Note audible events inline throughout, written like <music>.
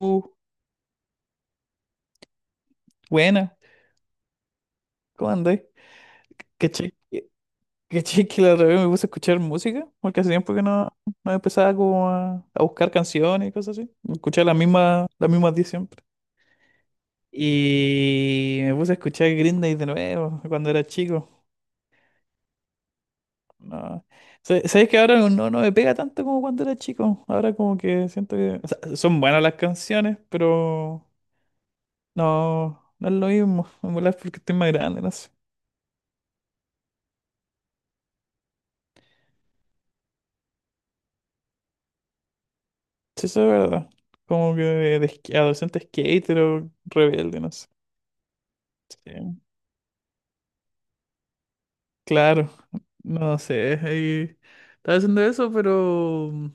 Uh, Buena, ¿cómo andáis? ¿Cachai? que cachai que la otra vez me puse a escuchar música. Porque hace tiempo que no empezaba como a buscar canciones y cosas así. Escuchaba las mismas 10 siempre. Y me puse a escuchar Green Day de nuevo cuando era chico. No. ¿Sabes que ahora no me pega tanto como cuando era chico? Ahora como que siento que, o sea, son buenas las canciones, pero no es lo mismo. Me molesta porque estoy más grande, no. Sí, eso es verdad. Como que de adolescente skater o rebelde, no sé. Sí, claro, no sé. Ahí estaba haciendo eso, pero mm,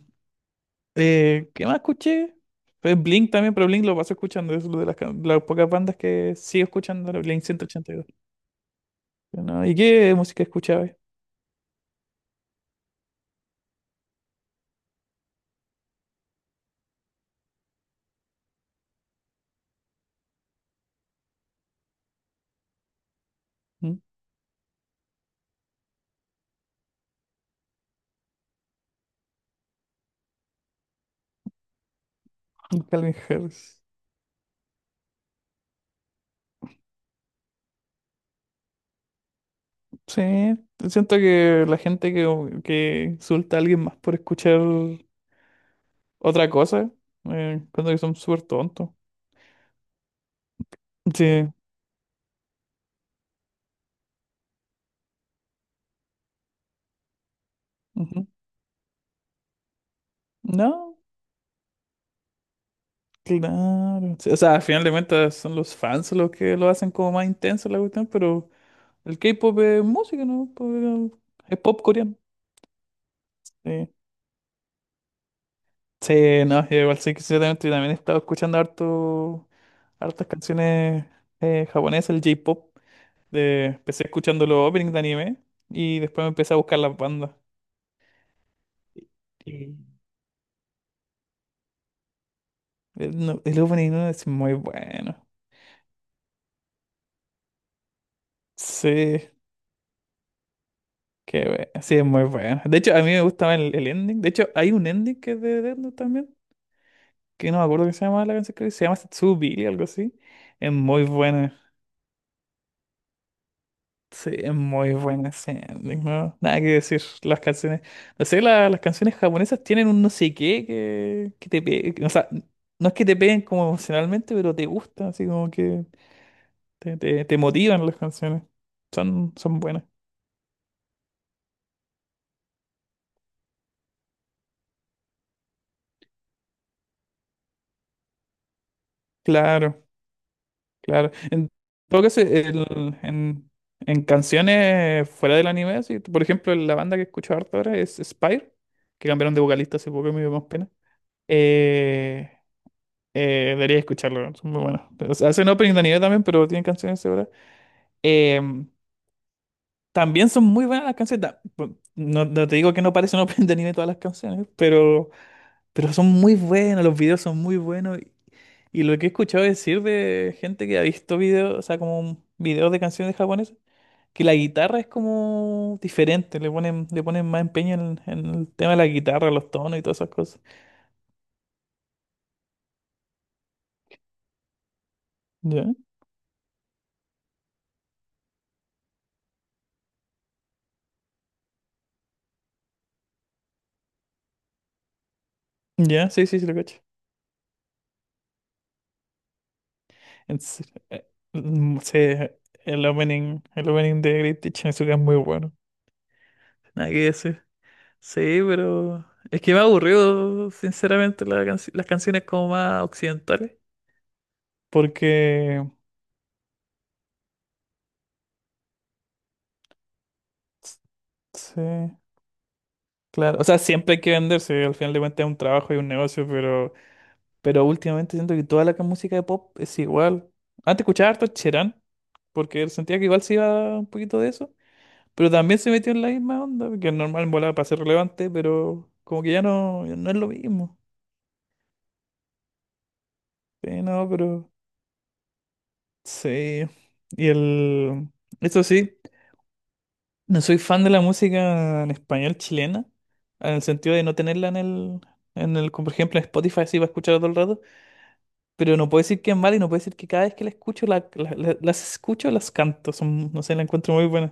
eh, ¿qué más escuché? Pues Blink también, pero Blink lo paso escuchando, es de las pocas bandas que sigo escuchando, ahora, Blink 182. ¿No? ¿Y qué música escuchaba? ¿Mm? Calvin Harris. Sí, siento que la gente que insulta a alguien más por escuchar otra cosa, cuando que son súper tontos. Sí. Ujú. No, claro. Sí, o sea, al final de cuentas son los fans los que lo hacen como más intenso la cuestión, pero el K-pop es música, ¿no? Pues, es pop coreano. Sí, sí, no, yo igual sí que ciertamente yo también he estado escuchando harto, hartas canciones japonesas, el J-pop. Empecé escuchando los openings de anime y después me empecé a buscar las bandas. Y- y- el opening no es muy bueno. Sí. Qué bueno. Sí, es muy bueno. De hecho, a mí me gustaba el ending. De hecho, hay un ending que es de Death Note también, que no me acuerdo qué se llama la canción, creo que se llama Tsubiri, algo así. Es muy buena. Sí, es muy buena ese ending, ¿no? Nada que decir. Las canciones, no sé, las canciones japonesas tienen un no sé qué que o sea, no es que te peguen como emocionalmente, pero te gusta así como que te motivan las canciones. Son buenas. Claro. Claro. En todo caso, en, en canciones fuera del anime, así por ejemplo, la banda que escucho harto ahora es Spire, que cambiaron de vocalista hace poco, me dio más pena. Eh, Debería escucharlo, son muy buenos. O sea, hacen opening de anime también, pero tienen canciones ahora. Eh, También son muy buenas las canciones. No, no te digo que no parecen <laughs> opening de anime todas las canciones, pero son muy buenas, los videos son muy buenos. Y lo que he escuchado decir de gente que ha visto videos, o sea, como videos de canciones japonesas, que la guitarra es como diferente, le ponen más empeño en el tema de la guitarra, los tonos y todas esas cosas. Ya, ya, sí, sí, sí, lo cacho. En se- eh, Sí, el opening de Great Teacher Azúcar es muy bueno. Nada que decir. Sí, pero es que me ha aburrido, sinceramente, las canciones como más occidentales. Porque, s- sí, claro. O sea, siempre hay que venderse, al final de cuentas es un trabajo y un negocio, pero. Pero últimamente siento que toda la música de pop es igual. Antes escuchaba harto Cherán, porque sentía que igual se iba un poquito de eso, pero también se metió en la misma onda, que es normal volar para ser relevante, pero como que ya no es lo mismo. Sí, no, pero sí. Y el... Eso sí, no soy fan de la música en español chilena, en el sentido de no tenerla en el, como por ejemplo, en Spotify, así para escuchar todo el rato. Pero no puedo decir que es mala y no puedo decir que cada vez que la escucho, las escucho, las canto. Son, no sé, la encuentro muy buena.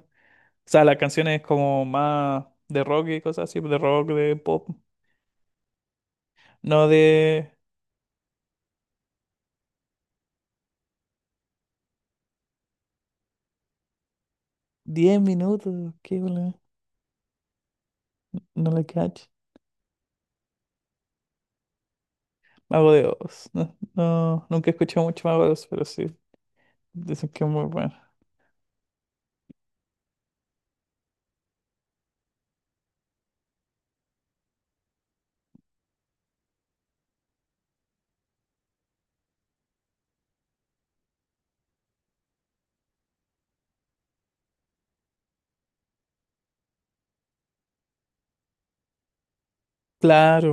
O sea, las canciones como más de rock y cosas así, de rock, de pop. No de 10 minutos, qué bola, no la cacho. Mago de Oz. No, no, nunca he escuchado mucho Mago de Oz, pero sí, dicen que es muy bueno. Claro,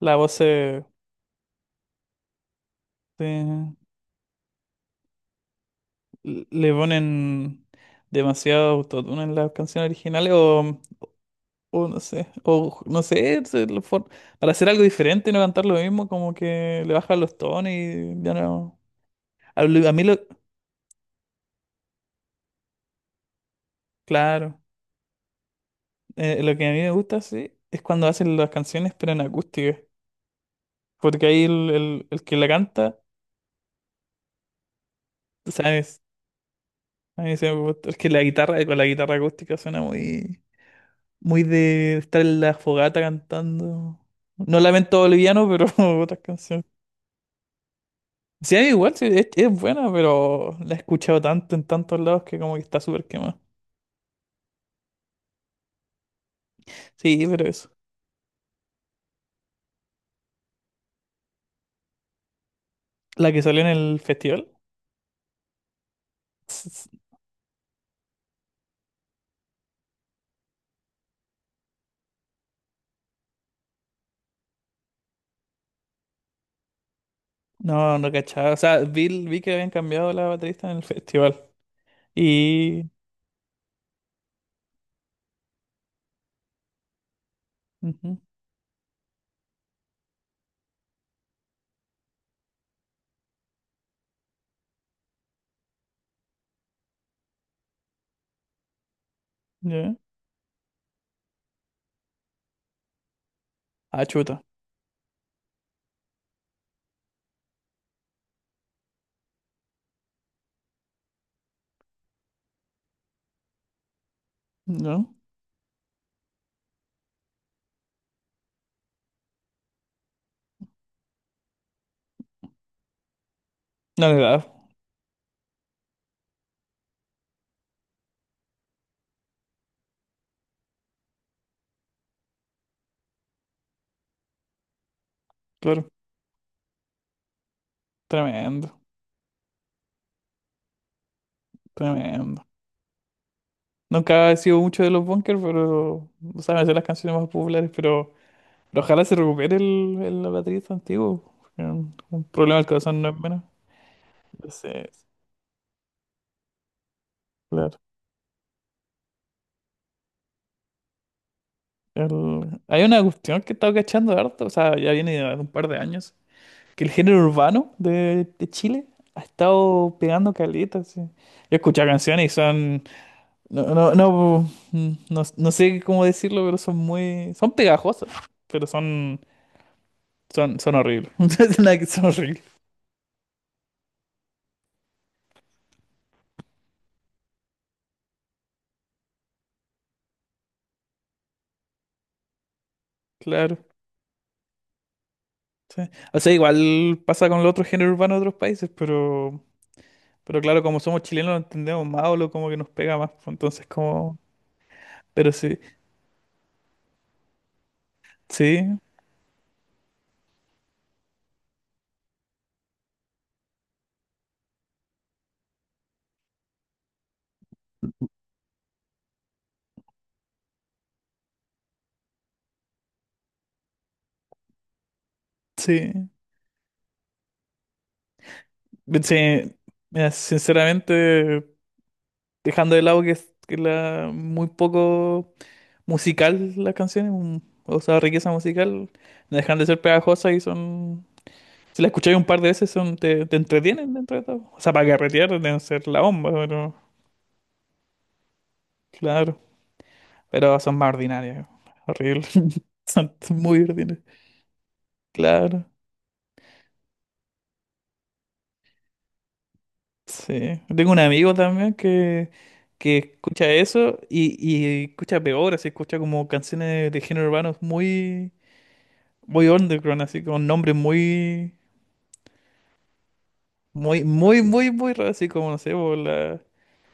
la voz se, se- le ponen demasiado autotune en las canciones originales o no sé, para hacer algo diferente y no cantar lo mismo, como que le bajan los tonos y ya no. A, lo- a mí lo, claro, lo que a mí me gusta, sí, es cuando hacen las canciones pero en acústica, porque ahí el que la canta, ¿sabes? A mí se me gusta, es que la guitarra, con la guitarra acústica suena muy, muy de estar en la fogata cantando. No lamento boliviano, pero <laughs> otras canciones. Sí, igual, sí, es buena, pero la he escuchado tanto en tantos lados que como que está súper quemada. Sí, pero eso. La que salió en el festival. s- s- No, no cachaba. O sea, vi que habían cambiado la baterista en el festival. Y... Ujú, ya. Ah, chuta. No, no le da. Claro. Tremendo, tremendo. Nunca he sido mucho de los bunkers, pero, o sea, me sé las canciones más populares, pero ojalá se recupere el baterista antiguo. Porque un problema del corazón no es menos. Sí. Sí. Claro. Hay una cuestión que he estado cachando harto, o sea, ya viene de un par de años, que el género urbano de Chile ha estado pegando caleta, sí. Yo he escuchado canciones y son, no, no, no, no, no sé cómo decirlo, pero son muy, son pegajosas, pero son horribles, <laughs> no es nada que son horribles, claro. Sí. O sea, igual pasa con el otro género urbano de otros países, pero, claro, como somos chilenos lo entendemos más o lo como que nos pega más, pues, entonces como, pero sí. Sí, sí, sí, mira, sinceramente, dejando de lado que es que la muy poco musical las canciones, o sea, riqueza musical, no dejan de ser pegajosas y son, si las escucháis un par de veces, son, te entretienen dentro de todo. O sea, para carretear deben ser la bomba, pero claro, pero son más ordinarias, horrible, <laughs> son muy ordinarias, claro. Sí, tengo un amigo también que escucha eso y escucha peor, así escucha como canciones de género urbano muy, muy underground, así con nombres muy, muy, muy, muy, muy raros, así como, no sé,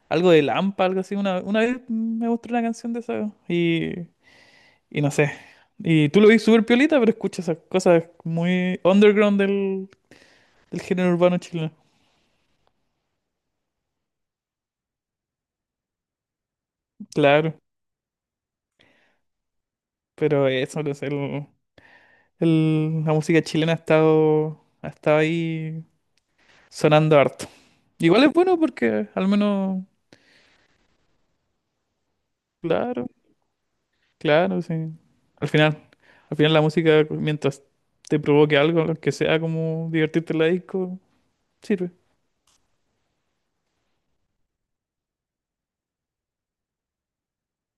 algo de Lampa, algo así. Una vez me mostró una canción de esa y no sé. Y tú lo ves súper piolita, pero escuchas esas cosas muy underground del género urbano chileno. Claro, pero eso, no sé, la música chilena ha estado ahí sonando harto. Igual es bueno porque al menos, claro, claro, sí. Al final, al final la música, mientras te provoque algo, lo que sea como divertirte en la disco, sirve.